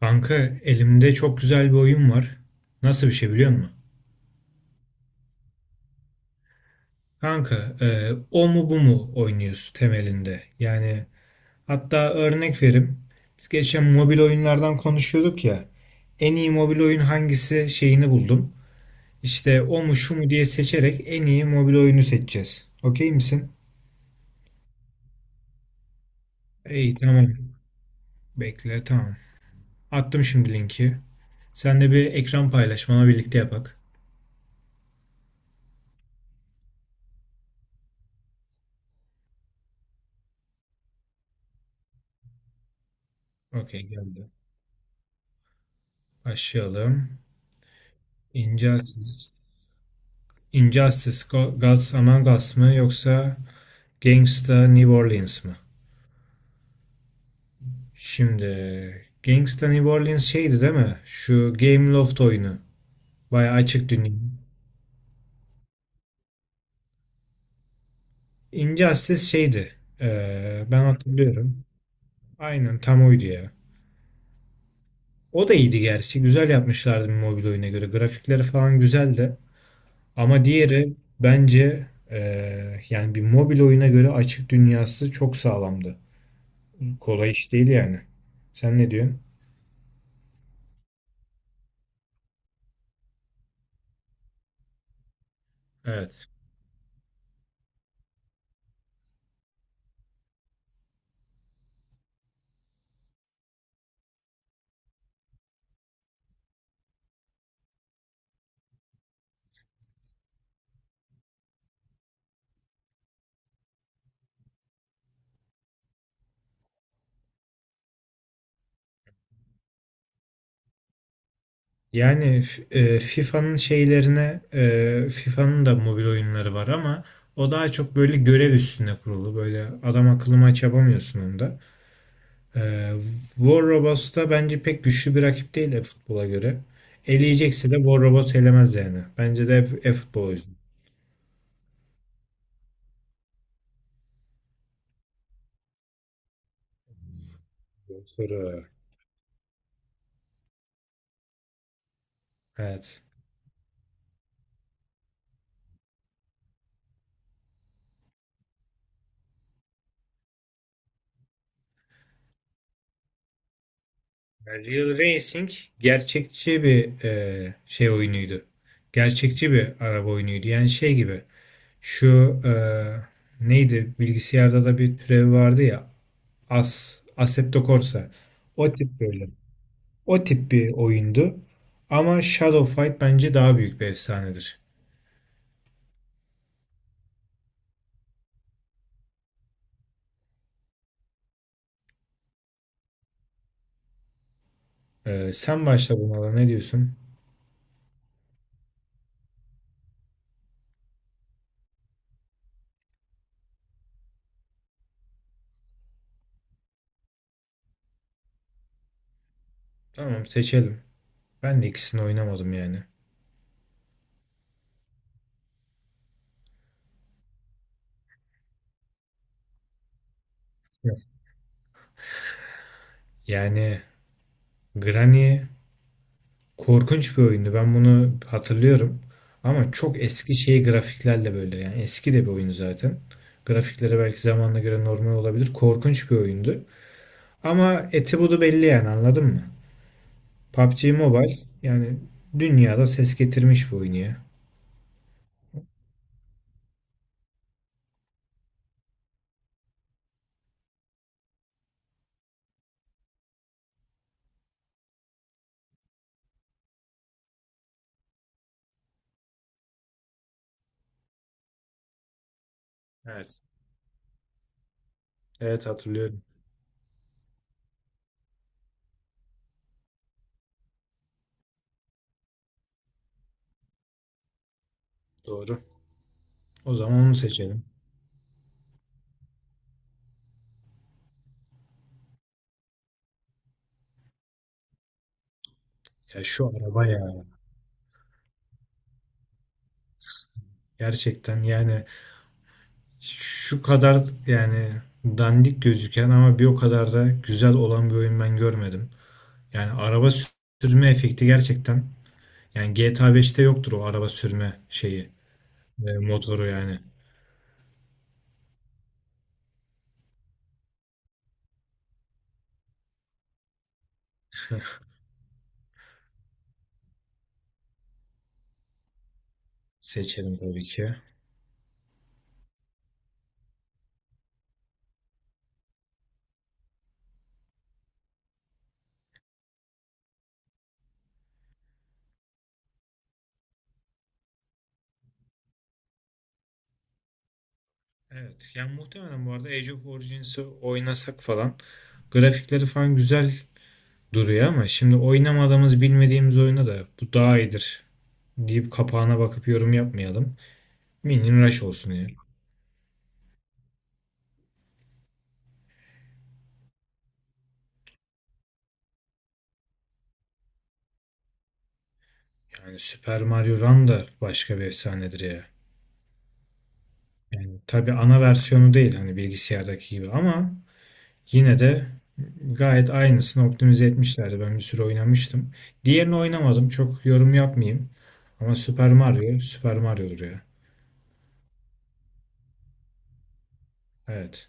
Kanka elimde çok güzel bir oyun var. Nasıl bir şey biliyor musun? Kanka, o mu bu mu oynuyoruz temelinde. Yani hatta örnek verim. Biz geçen mobil oyunlardan konuşuyorduk ya. En iyi mobil oyun hangisi şeyini buldum. İşte o mu şu mu diye seçerek en iyi mobil oyunu seçeceğiz. Okey misin? İyi, tamam. Bekle, tamam. Attım şimdi linki. Sen de bir ekran paylaş, birlikte yapak. Okey, geldi. Başlayalım. İncelsiz. Injustice Gods Among Us mı yoksa Gangsta New Orleans mı? Şimdi Gangsta New Orleans şeydi, değil mi? Şu Game Loft oyunu. Bayağı açık dünya. Injustice şeydi. Ben hatırlıyorum. Aynen tam oydu ya. O da iyiydi gerçi. Güzel yapmışlardı bir mobil oyuna göre. Grafikleri falan güzeldi. Ama diğeri bence yani bir mobil oyuna göre açık dünyası çok sağlamdı. Kolay iş değil yani. Sen ne diyorsun? Evet. Yani FIFA'nın şeylerine, FIFA'nın da mobil oyunları var ama o daha çok böyle görev üstüne kurulu. Böyle adam akıllı maç yapamıyorsun onda. E, War Robots da bence pek güçlü bir rakip değil de futbola göre. Eleyecekse de War Robots elemez yani. Bence de e-futbol o yüzden. Doğru. Evet. Yani Real Racing gerçekçi bir şey oyunuydu. Gerçekçi bir araba oyunuydu. Yani şey gibi şu neydi, bilgisayarda da bir türev vardı ya, Assetto Corsa. O tip böyle. O tip bir oyundu. Ama Shadow Fight bence daha büyük bir efsanedir. Sen başla, bunlara ne diyorsun? Tamam, seçelim. Ben de ikisini oynamadım yani. Yani Granny korkunç bir oyundu. Ben bunu hatırlıyorum. Ama çok eski şey grafiklerle böyle, yani eski de bir oyun zaten. Grafikleri belki zamanla göre normal olabilir. Korkunç bir oyundu. Ama eti budu belli yani, anladın mı? PUBG Mobile yani dünyada ses getirmiş bir oyun ya. Evet. Evet, hatırlıyorum. Doğru. O zaman onu seçelim. Ya şu araba ya. Gerçekten yani şu kadar yani dandik gözüken ama bir o kadar da güzel olan bir oyun ben görmedim. Yani araba sürme efekti gerçekten. Yani GTA 5'te yoktur o araba sürme şeyi. Motoru yani. Seçelim tabii ki. Evet. Yani muhtemelen bu arada Age of Origins'i oynasak falan grafikleri falan güzel duruyor, ama şimdi oynamadığımız bilmediğimiz oyuna da bu daha iyidir deyip kapağına bakıp yorum yapmayalım. Minion Rush olsun ya. Yani Super Mario Run da başka bir efsanedir ya. Yani tabii ana versiyonu değil hani bilgisayardaki gibi, ama yine de gayet aynısını optimize etmişlerdi. Ben bir süre oynamıştım. Diğerini oynamadım. Çok yorum yapmayayım. Ama Super Mario, Super Mario'dur ya. Evet.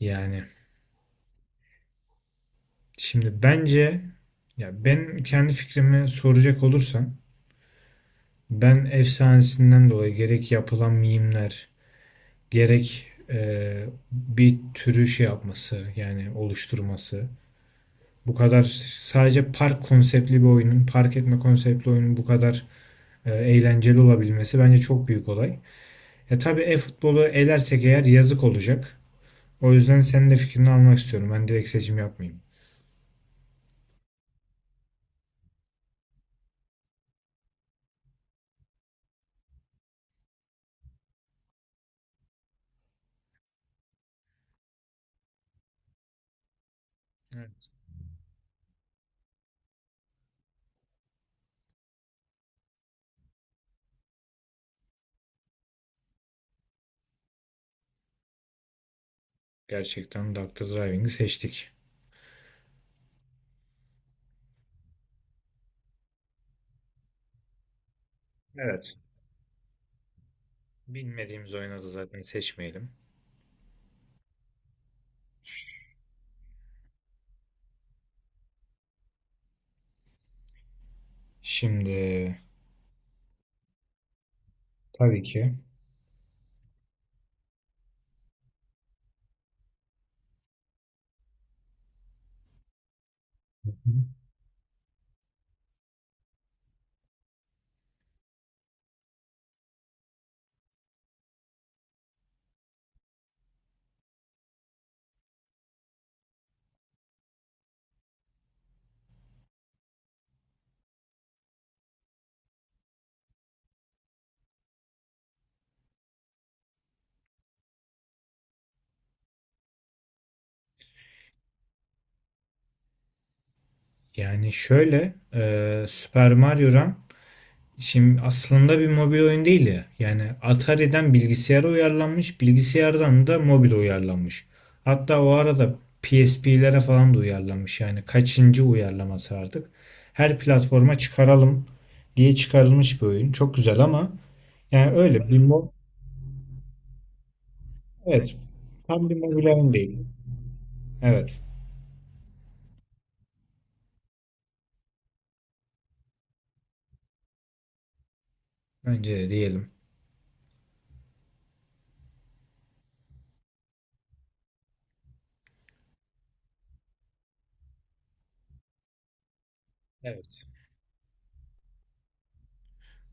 Yani şimdi bence, ya ben kendi fikrimi soracak olursan, ben efsanesinden dolayı gerek yapılan mimler, gerek bir türü şey yapması yani oluşturması, bu kadar sadece park etme konseptli oyunun bu kadar eğlenceli olabilmesi bence çok büyük olay. Ya tabii e-futbolu elersek eğer yazık olacak. O yüzden senin de fikrini almak istiyorum. Ben direkt seçim yapmayayım. Evet. Gerçekten Dr. Driving'i seçtik. Evet. Bilmediğimiz oyuna da zaten seçmeyelim. Şimdi, tabii ki. Yani şöyle, Super Mario Run şimdi aslında bir mobil oyun değil ya. Yani Atari'den bilgisayara uyarlanmış, bilgisayardan da mobil uyarlanmış. Hatta o arada PSP'lere falan da uyarlanmış. Yani kaçıncı uyarlaması artık. Her platforma çıkaralım diye çıkarılmış bir oyun. Çok güzel, ama yani öyle bir evet, tam bir mobil oyun değil. Evet. Bence de diyelim. Evet.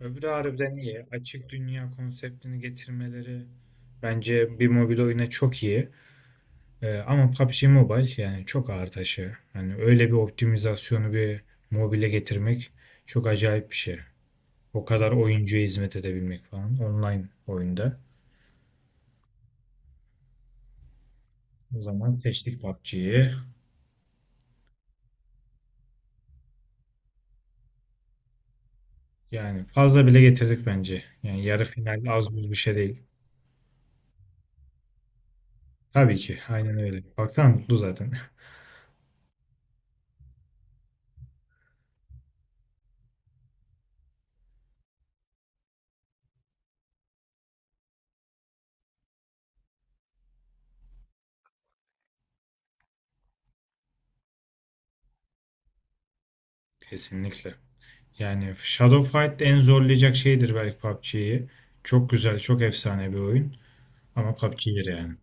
Öbürü harbiden iyi. Açık dünya konseptini getirmeleri bence bir mobil oyuna çok iyi. Ama PUBG Mobile yani çok ağır taşı. Hani öyle bir optimizasyonu bir mobile getirmek çok acayip bir şey. O kadar oyuncuya hizmet edebilmek falan, online oyunda. O zaman seçtik PUBG'yi. Yani fazla bile getirdik bence. Yani yarı final az buz bir şey değil. Tabii ki aynen öyle. Baksana mutlu zaten. Kesinlikle. Yani Shadow Fight en zorlayacak şeydir belki PUBG'yi. Çok güzel, çok efsane bir oyun. Ama PUBG'dir yani.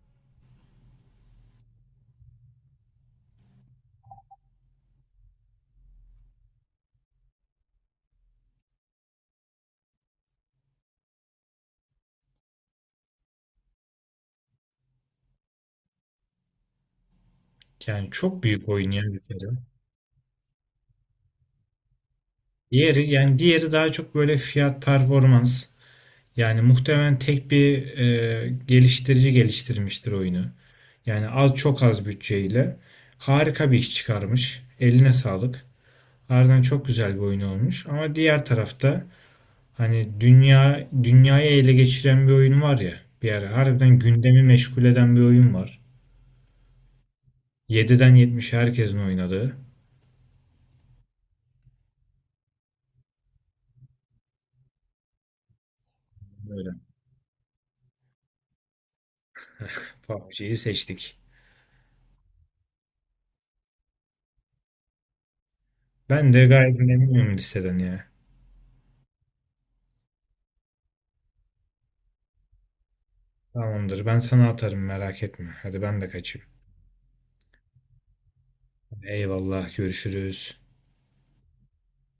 Yani çok büyük oyun yani bir kere. Diğeri yani diğeri daha çok böyle fiyat performans. Yani muhtemelen tek bir geliştirici geliştirmiştir oyunu. Yani az, çok az bütçeyle harika bir iş çıkarmış. Eline sağlık. Harbiden çok güzel bir oyun olmuş. Ama diğer tarafta hani dünyayı ele geçiren bir oyun var ya. Bir ara harbiden gündemi meşgul eden bir oyun var, 7'den 70'e herkesin oynadığı. Böyle PUBG'yi seçtik. Ben de gayet memnunum listeden ya. Tamamdır. Ben sana atarım, merak etme. Hadi ben de kaçayım. Eyvallah. Görüşürüz.